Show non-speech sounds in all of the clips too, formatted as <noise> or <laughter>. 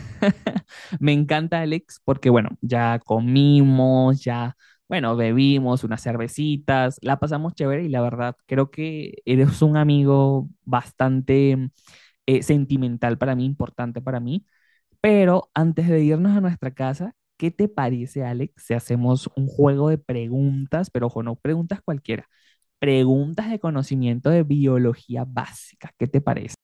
<laughs> Me encanta, Alex, porque bueno, ya comimos, ya, bueno, bebimos unas cervecitas, la pasamos chévere y la verdad, creo que eres un amigo bastante sentimental para mí, importante para mí. Pero antes de irnos a nuestra casa, ¿qué te parece, Alex, si hacemos un juego de preguntas, pero ojo, no preguntas cualquiera, preguntas de conocimiento de biología básica? ¿Qué te parece?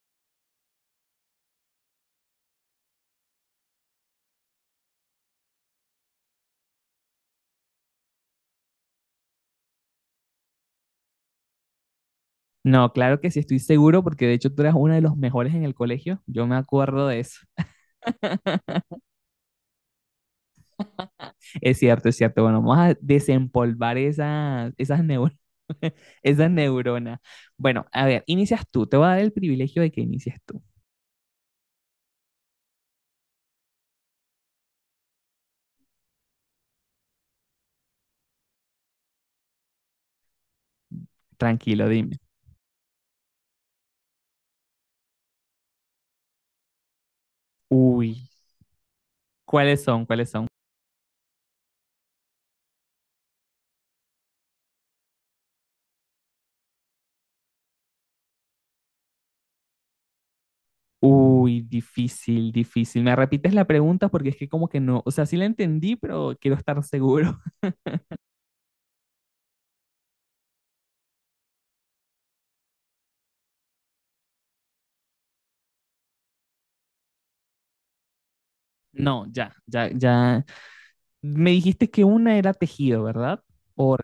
No, claro que sí, estoy seguro porque de hecho tú eras uno de los mejores en el colegio. Yo me acuerdo de eso. Es cierto, es cierto. Bueno, vamos a desempolvar esas <laughs> esas neuronas. Bueno, a ver, inicias tú. Te voy a dar el privilegio de que inicies tú. Tranquilo, dime. Uy, ¿cuáles son? ¿Cuáles son? Uy, difícil, difícil. ¿Me repites la pregunta? Porque es que como que no, o sea, sí la entendí, pero quiero estar seguro. <laughs> No, ya, ya, ya. Me dijiste que una era tejido, ¿verdad? O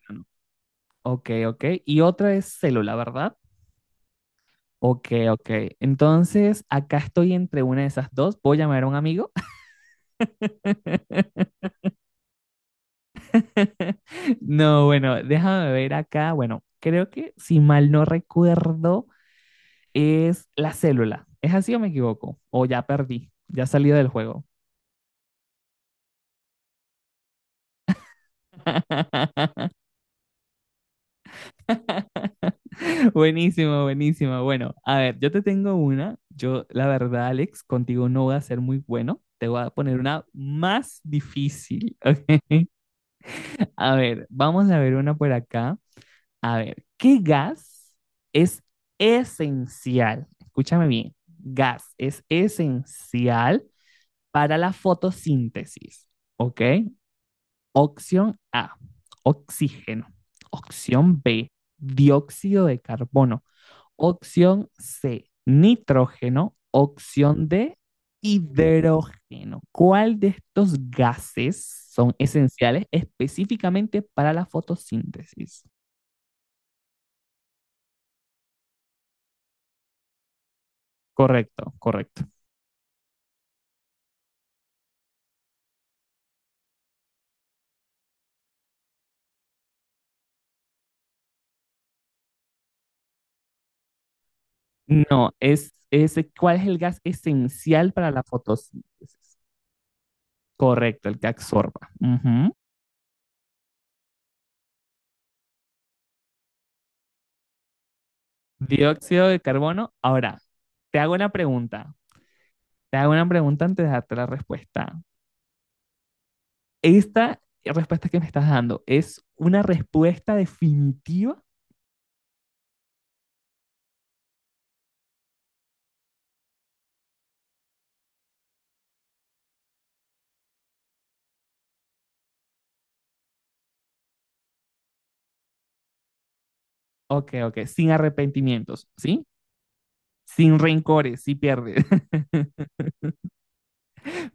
ok, ok. Y otra es célula, ¿verdad? Ok, ok. Entonces, acá estoy entre una de esas dos. ¿Puedo llamar a un amigo? <laughs> No, bueno, déjame ver acá. Bueno, creo que si mal no recuerdo, es la célula. ¿Es así o me equivoco? O ya perdí, ya salí del juego. <laughs> Buenísimo, buenísimo. Bueno, a ver, yo te tengo una. Yo, la verdad, Alex, contigo no voy a ser muy bueno. Te voy a poner una más difícil, <laughs> ¿ok? A ver, vamos a ver una por acá. A ver, ¿qué gas es esencial? Escúchame bien, gas es esencial para la fotosíntesis, ¿ok? Opción A, oxígeno. Opción B, dióxido de carbono. Opción C, nitrógeno. Opción D, hidrógeno. ¿Cuál de estos gases son esenciales específicamente para la fotosíntesis? Correcto, correcto. No, es cuál es el gas esencial para la fotosíntesis. Correcto, el que absorba. Ujú. Dióxido de carbono. Ahora, te hago una pregunta. Te hago una pregunta antes de darte la respuesta. Esta respuesta que me estás dando es una respuesta definitiva. Ok, ok, sin arrepentimientos, ¿sí? Sin rencores, si pierdes. <laughs>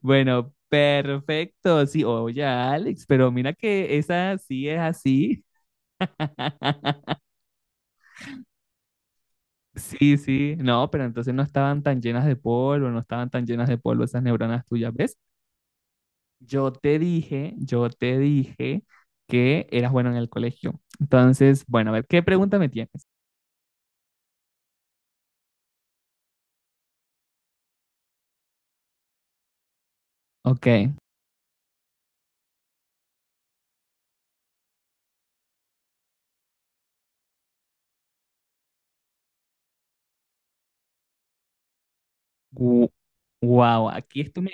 Bueno, perfecto. Sí, oye, Alex, pero mira que esa sí es así. <laughs> Sí, sí, no, pero entonces no estaban tan llenas de polvo, no estaban tan llenas de polvo esas neuronas tuyas, ¿ves? Yo te dije que eras bueno en el colegio. Entonces, bueno, a ver, ¿qué pregunta me tienes? Ok. Wow, aquí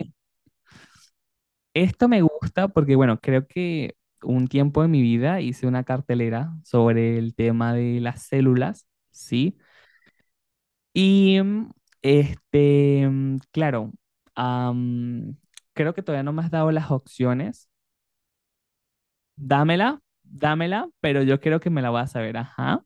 esto me gusta porque, bueno, creo que un tiempo de mi vida hice una cartelera sobre el tema de las células, ¿sí? Y claro, am, creo que todavía no me has dado las opciones. Dámela, dámela, pero yo creo que me la vas a ver, ajá.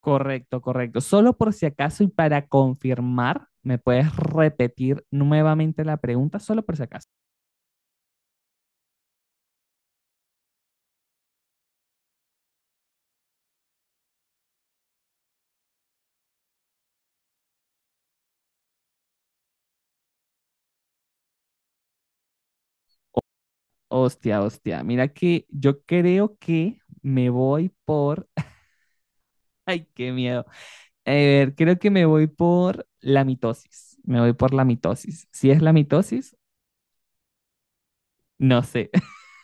Correcto, correcto. Solo por si acaso y para confirmar, ¿me puedes repetir nuevamente la pregunta? Solo por si acaso. Hostia, hostia. Mira que yo creo que me voy por. <laughs> Ay, qué miedo. A ver, creo que me voy por la mitosis. Me voy por la mitosis. Si es la mitosis, no sé.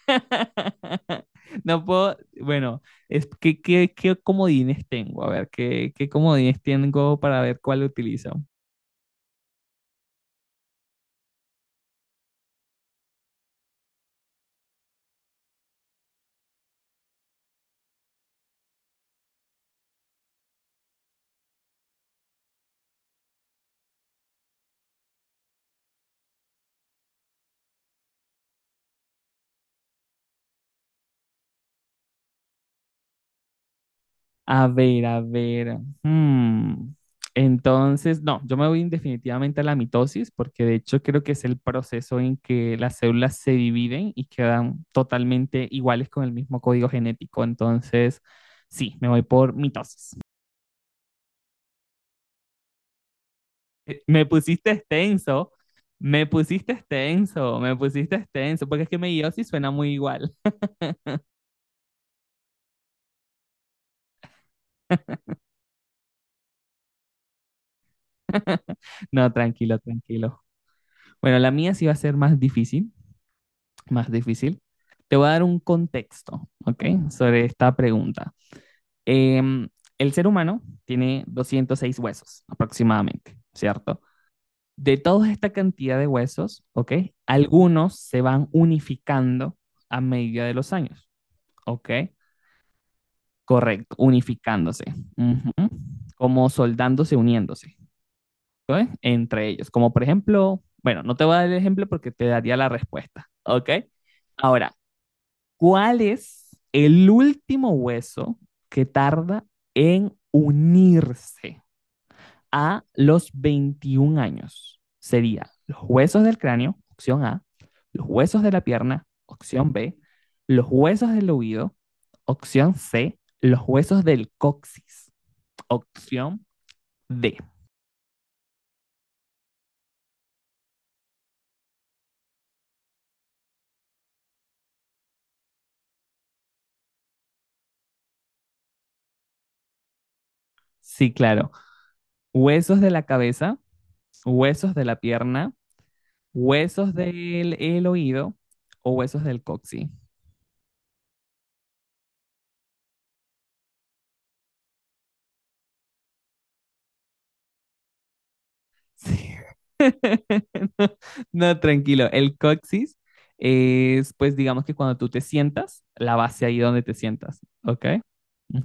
<laughs> No puedo. Bueno, es que qué comodines tengo. A ver, qué comodines tengo para ver cuál utilizo. A ver, a ver. hmm, Entonces, no, yo me voy definitivamente a la mitosis porque de hecho creo que es el proceso en que las células se dividen y quedan totalmente iguales con el mismo código genético. Entonces, sí, me voy por mitosis. <laughs> Me pusiste extenso, me pusiste extenso, porque es que meiosis suena muy igual. <laughs> No, tranquilo, tranquilo. Bueno, la mía sí va a ser más difícil. Más difícil. Te voy a dar un contexto, ¿ok? Sobre esta pregunta. Em, el ser humano tiene 206 huesos aproximadamente, ¿cierto? De toda esta cantidad de huesos, ¿ok? Algunos se van unificando a medida de los años, ¿ok? Correcto, unificándose, ujú, como soldándose, uniéndose, ¿ok? Entre ellos, como por ejemplo, bueno, no te voy a dar el ejemplo porque te daría la respuesta, ¿ok? Ahora, ¿cuál es el último hueso que tarda en unirse a los 21 años? Sería los huesos del cráneo, opción A, los huesos de la pierna, opción B, los huesos del oído, opción C, los huesos del coxis, opción D. Sí, claro, huesos de la cabeza, huesos de la pierna, huesos del el oído o huesos del coxis. Sí. <laughs> No, no, tranquilo. El coxis es, pues, digamos que cuando tú te sientas, la base ahí donde te sientas, ¿ok?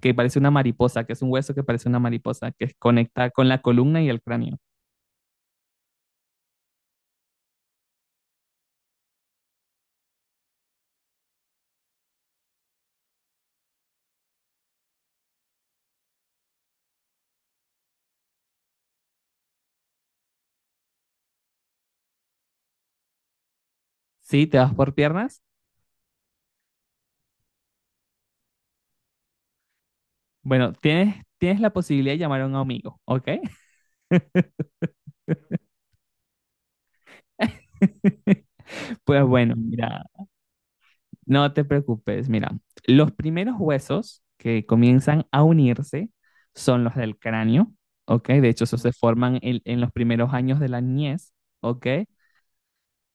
Que parece una mariposa, que es un hueso que parece una mariposa, que conecta con la columna y el cráneo. ¿Sí? ¿Te vas por piernas? Bueno, tienes, tienes la posibilidad de llamar a un amigo, ¿ok? <laughs> Pues bueno, mira, no te preocupes, mira, los primeros huesos que comienzan a unirse son los del cráneo, ¿ok? De hecho, esos se forman en los primeros años de la niñez, ¿ok?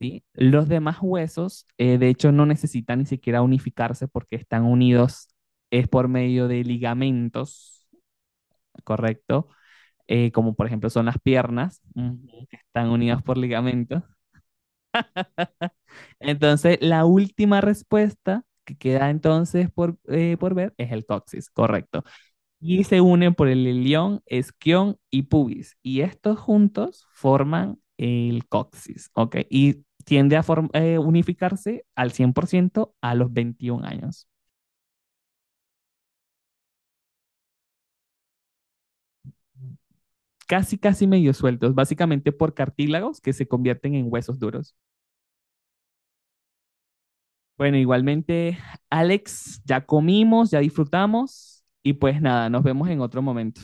¿Sí? Los demás huesos, de hecho, no necesitan ni siquiera unificarse porque están unidos, es por medio de ligamentos, ¿correcto? Como por ejemplo son las piernas, ujú, que están unidas por ligamentos. Entonces, la última respuesta que queda entonces por ver es el coxis, correcto. Y se unen por el ilión, esquión y pubis. Y estos juntos forman el coxis, ¿ok? Y tiende a unificarse al 100% a los 21 años. Casi, casi medio sueltos, básicamente por cartílagos que se convierten en huesos duros. Bueno, igualmente, Alex, ya comimos, ya disfrutamos y pues nada, nos vemos en otro momento.